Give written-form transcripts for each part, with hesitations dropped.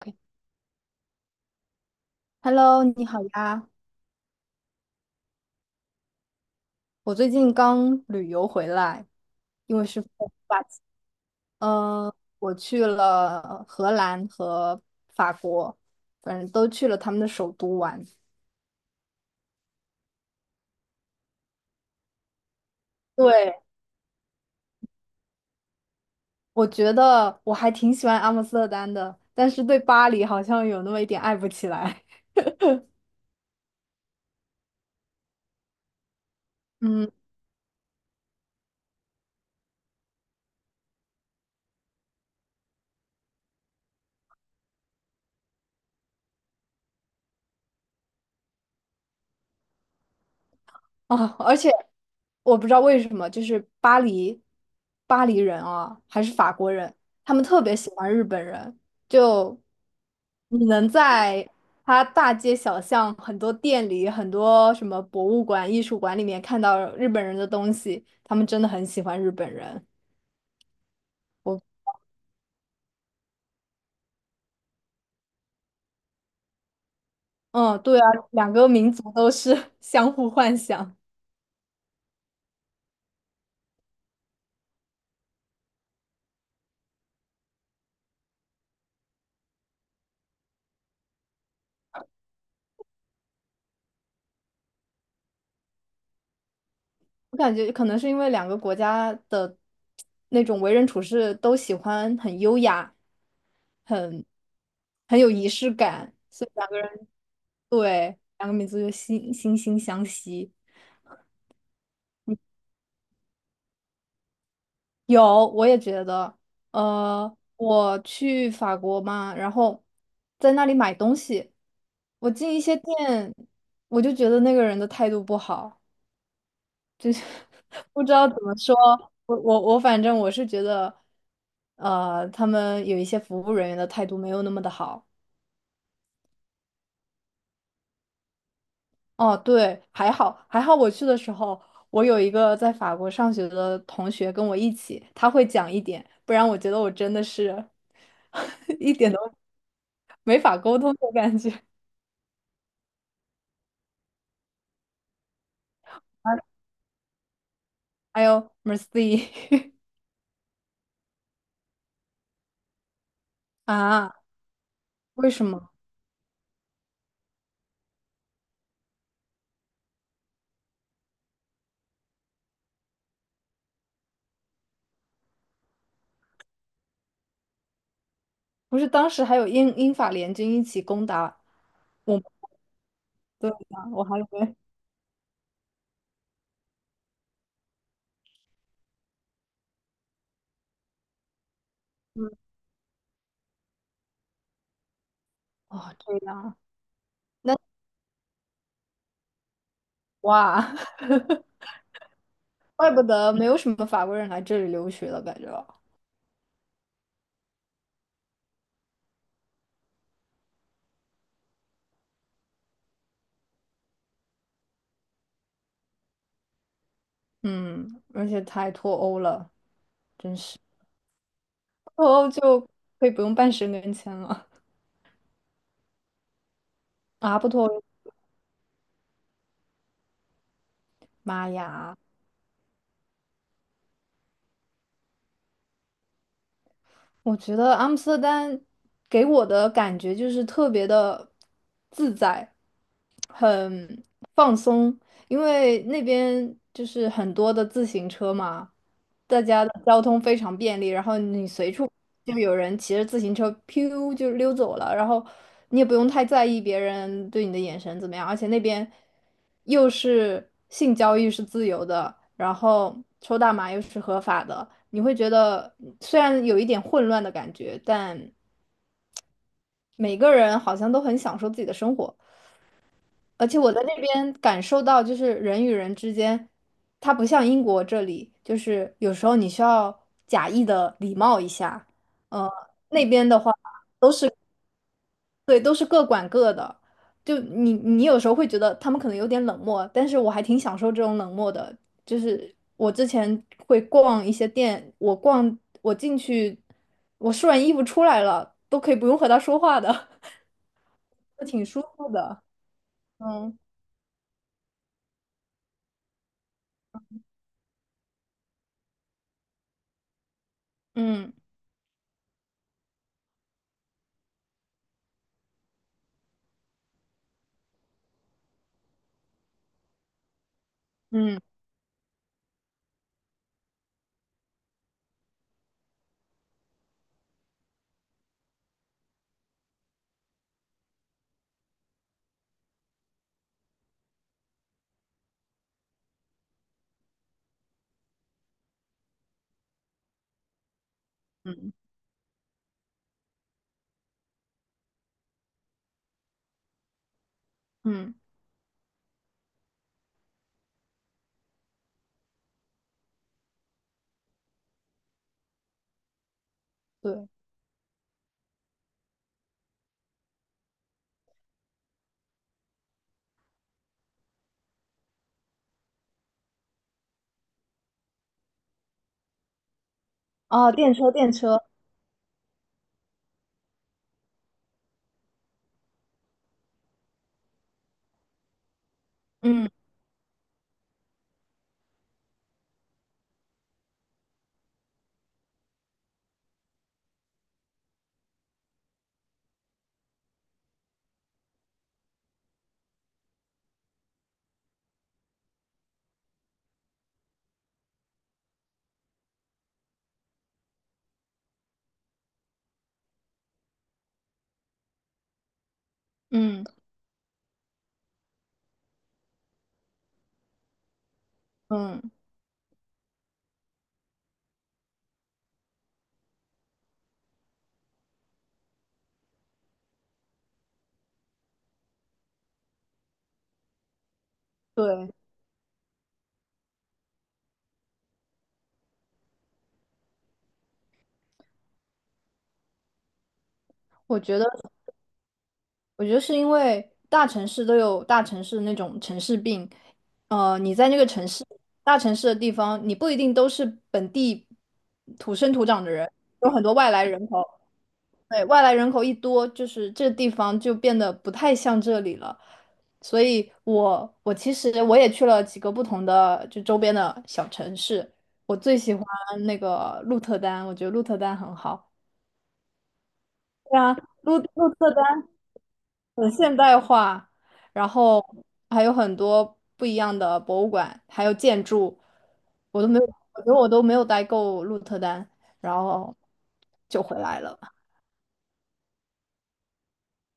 OK Hello，你好呀！我最近刚旅游回来，因为是法，呃，我去了荷兰和法国，反正都去了他们的首都玩。对，我觉得我还挺喜欢阿姆斯特丹的，但是对巴黎好像有那么一点爱不起来。嗯。啊，而且我不知道为什么，巴黎人啊，还是法国人，他们特别喜欢日本人。就你能在他大街小巷、很多店里、很多什么博物馆、艺术馆里面看到日本人的东西，他们真的很喜欢日本人。我，嗯，对啊，两个民族都是 相互幻想。我感觉可能是因为两个国家的那种为人处事都喜欢很优雅。很很有仪式感，所以两个人对两个民族就惺惺相惜。有，我也觉得，我去法国嘛，然后在那里买东西，我进一些店，我就觉得那个人的态度不好，就是 不知道怎么说。我我我，反正我是觉得，他们有一些服务人员的态度没有那么的好。哦，对，还好，我去的时候，我有一个在法国上学的同学跟我一起，他会讲一点，不然我觉得我真的是 一点都没法沟通的感觉。啊还有 Mercy 啊，为什么？不是当时还有英法联军一起攻打我们？对呀，我还以为，嗯，哦，这样，那哇，怪不得没有什么法国人来这里留学了，感觉，嗯，而且太脱欧了。脱欧就可以不用办申根签了啊！不脱欧妈呀！我觉得阿姆斯特丹给我的感觉就是特别的自在，很放松，因为那边就是很多的自行车嘛，大家的交通非常便利，然后你随处就有人骑着自行车，噗就溜走了，然后你也不用太在意别人对你的眼神怎么样，而且那边又是性交易是自由的，然后抽大麻又是合法的，你会觉得虽然有一点混乱的感觉，但每个人好像都很享受自己的生活。而且我在那边感受到，就是人与人之间，它不像英国这里，就是有时候你需要假意的礼貌一下。呃，那边的话，对，都是各管各的。你有时候会觉得他们可能有点冷漠，但是我还挺享受这种冷漠的。就是我之前会逛一些店，我进去，我试完衣服出来了，都可以不用和他说话的，挺舒服的。嗯嗯嗯嗯嗯，对。哦，电车，电车，嗯嗯嗯，对，我觉得，我觉得是因为大城市都有大城市那种城市病，你在那个城市，大城市的地方，你不一定都是本地土生土长的人，有很多外来人口，对，外来人口一多，就是这地方就变得不太像这里了。所以其实我也去了几个不同的就周边的小城市，我最喜欢那个鹿特丹，我觉得鹿特丹很好。对啊，鹿特丹很现代化，然后还有很多不一样的博物馆，还有建筑，我都没有，我觉得我都没有待够鹿特丹，然后就回来了。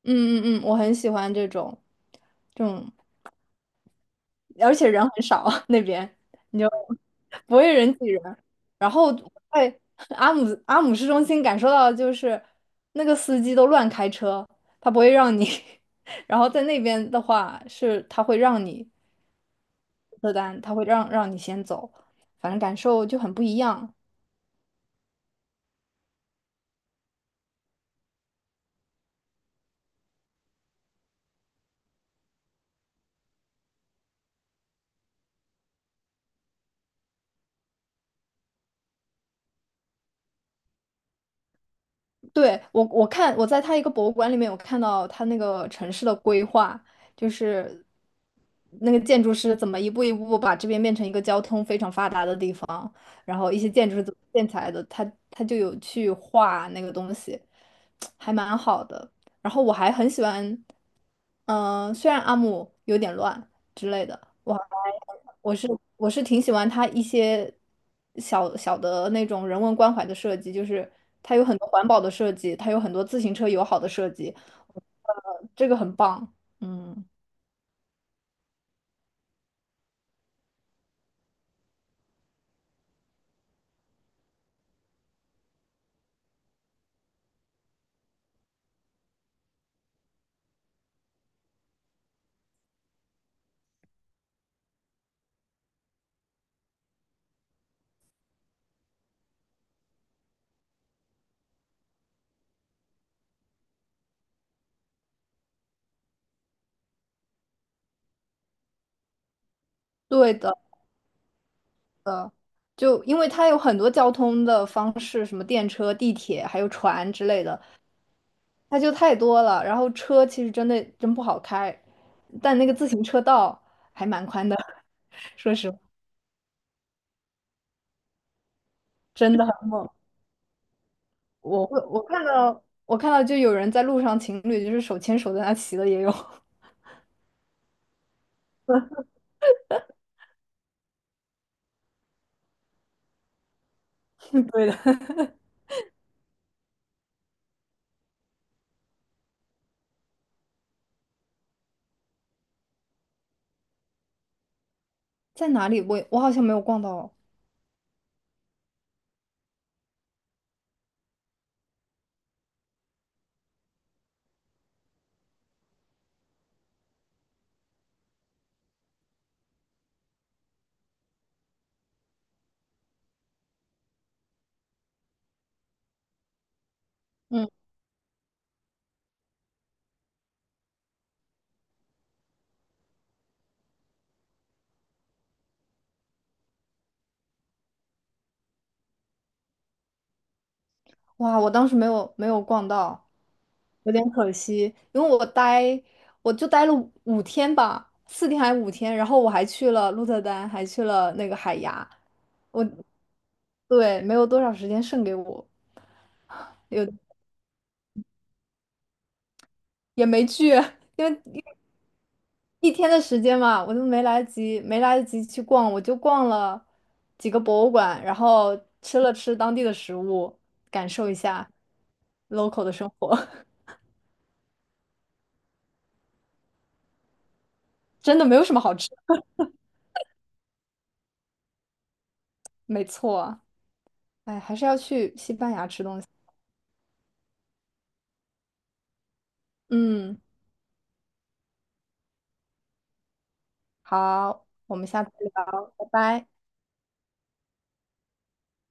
嗯，我很喜欢这种而且人很少 那边，你就不会人挤人。然后我在阿姆阿姆市中心感受到的就是那个司机都乱开车，他不会让你。然后在那边的话是他会让你车单，他会让你先走，反正感受就很不一样。对，我在他一个博物馆里面有看到他那个城市的规划，就是那个建筑师怎么一步一步把这边变成一个交通非常发达的地方，然后一些建筑是怎么建起来的，他就有去画那个东西，还蛮好的。然后我还很喜欢，嗯、虽然阿姆有点乱，之类的。我是我是挺喜欢它一些小小的那种人文关怀的设计，就是它有很多环保的设计，它有很多自行车友好的设计，呃，这个很棒。嗯，对的，就因为它有很多交通的方式，什么电车、地铁，还有船之类的，它就太多了。然后车其实真的真不好开，但那个自行车道还蛮宽的，说实话，真的很猛。我看到就有人在路上情侣就是手牵手在那骑的也有，对的，在哪里我我好像没有逛到哦，嗯，哇，我当时没有逛到，有点可惜，因为我就待了五天吧，4天还5天，然后我还去了鹿特丹，还去了那个海牙，我对没有多少时间剩给我，有也没去，因为1天的时间嘛，我都没来得及，没来得及去逛，我就逛了几个博物馆，然后吃了吃当地的食物，感受一下 local 的生活，真的没有什么好吃的，没错，哎，还是要去西班牙吃东西。嗯，好，我们下次聊，拜拜。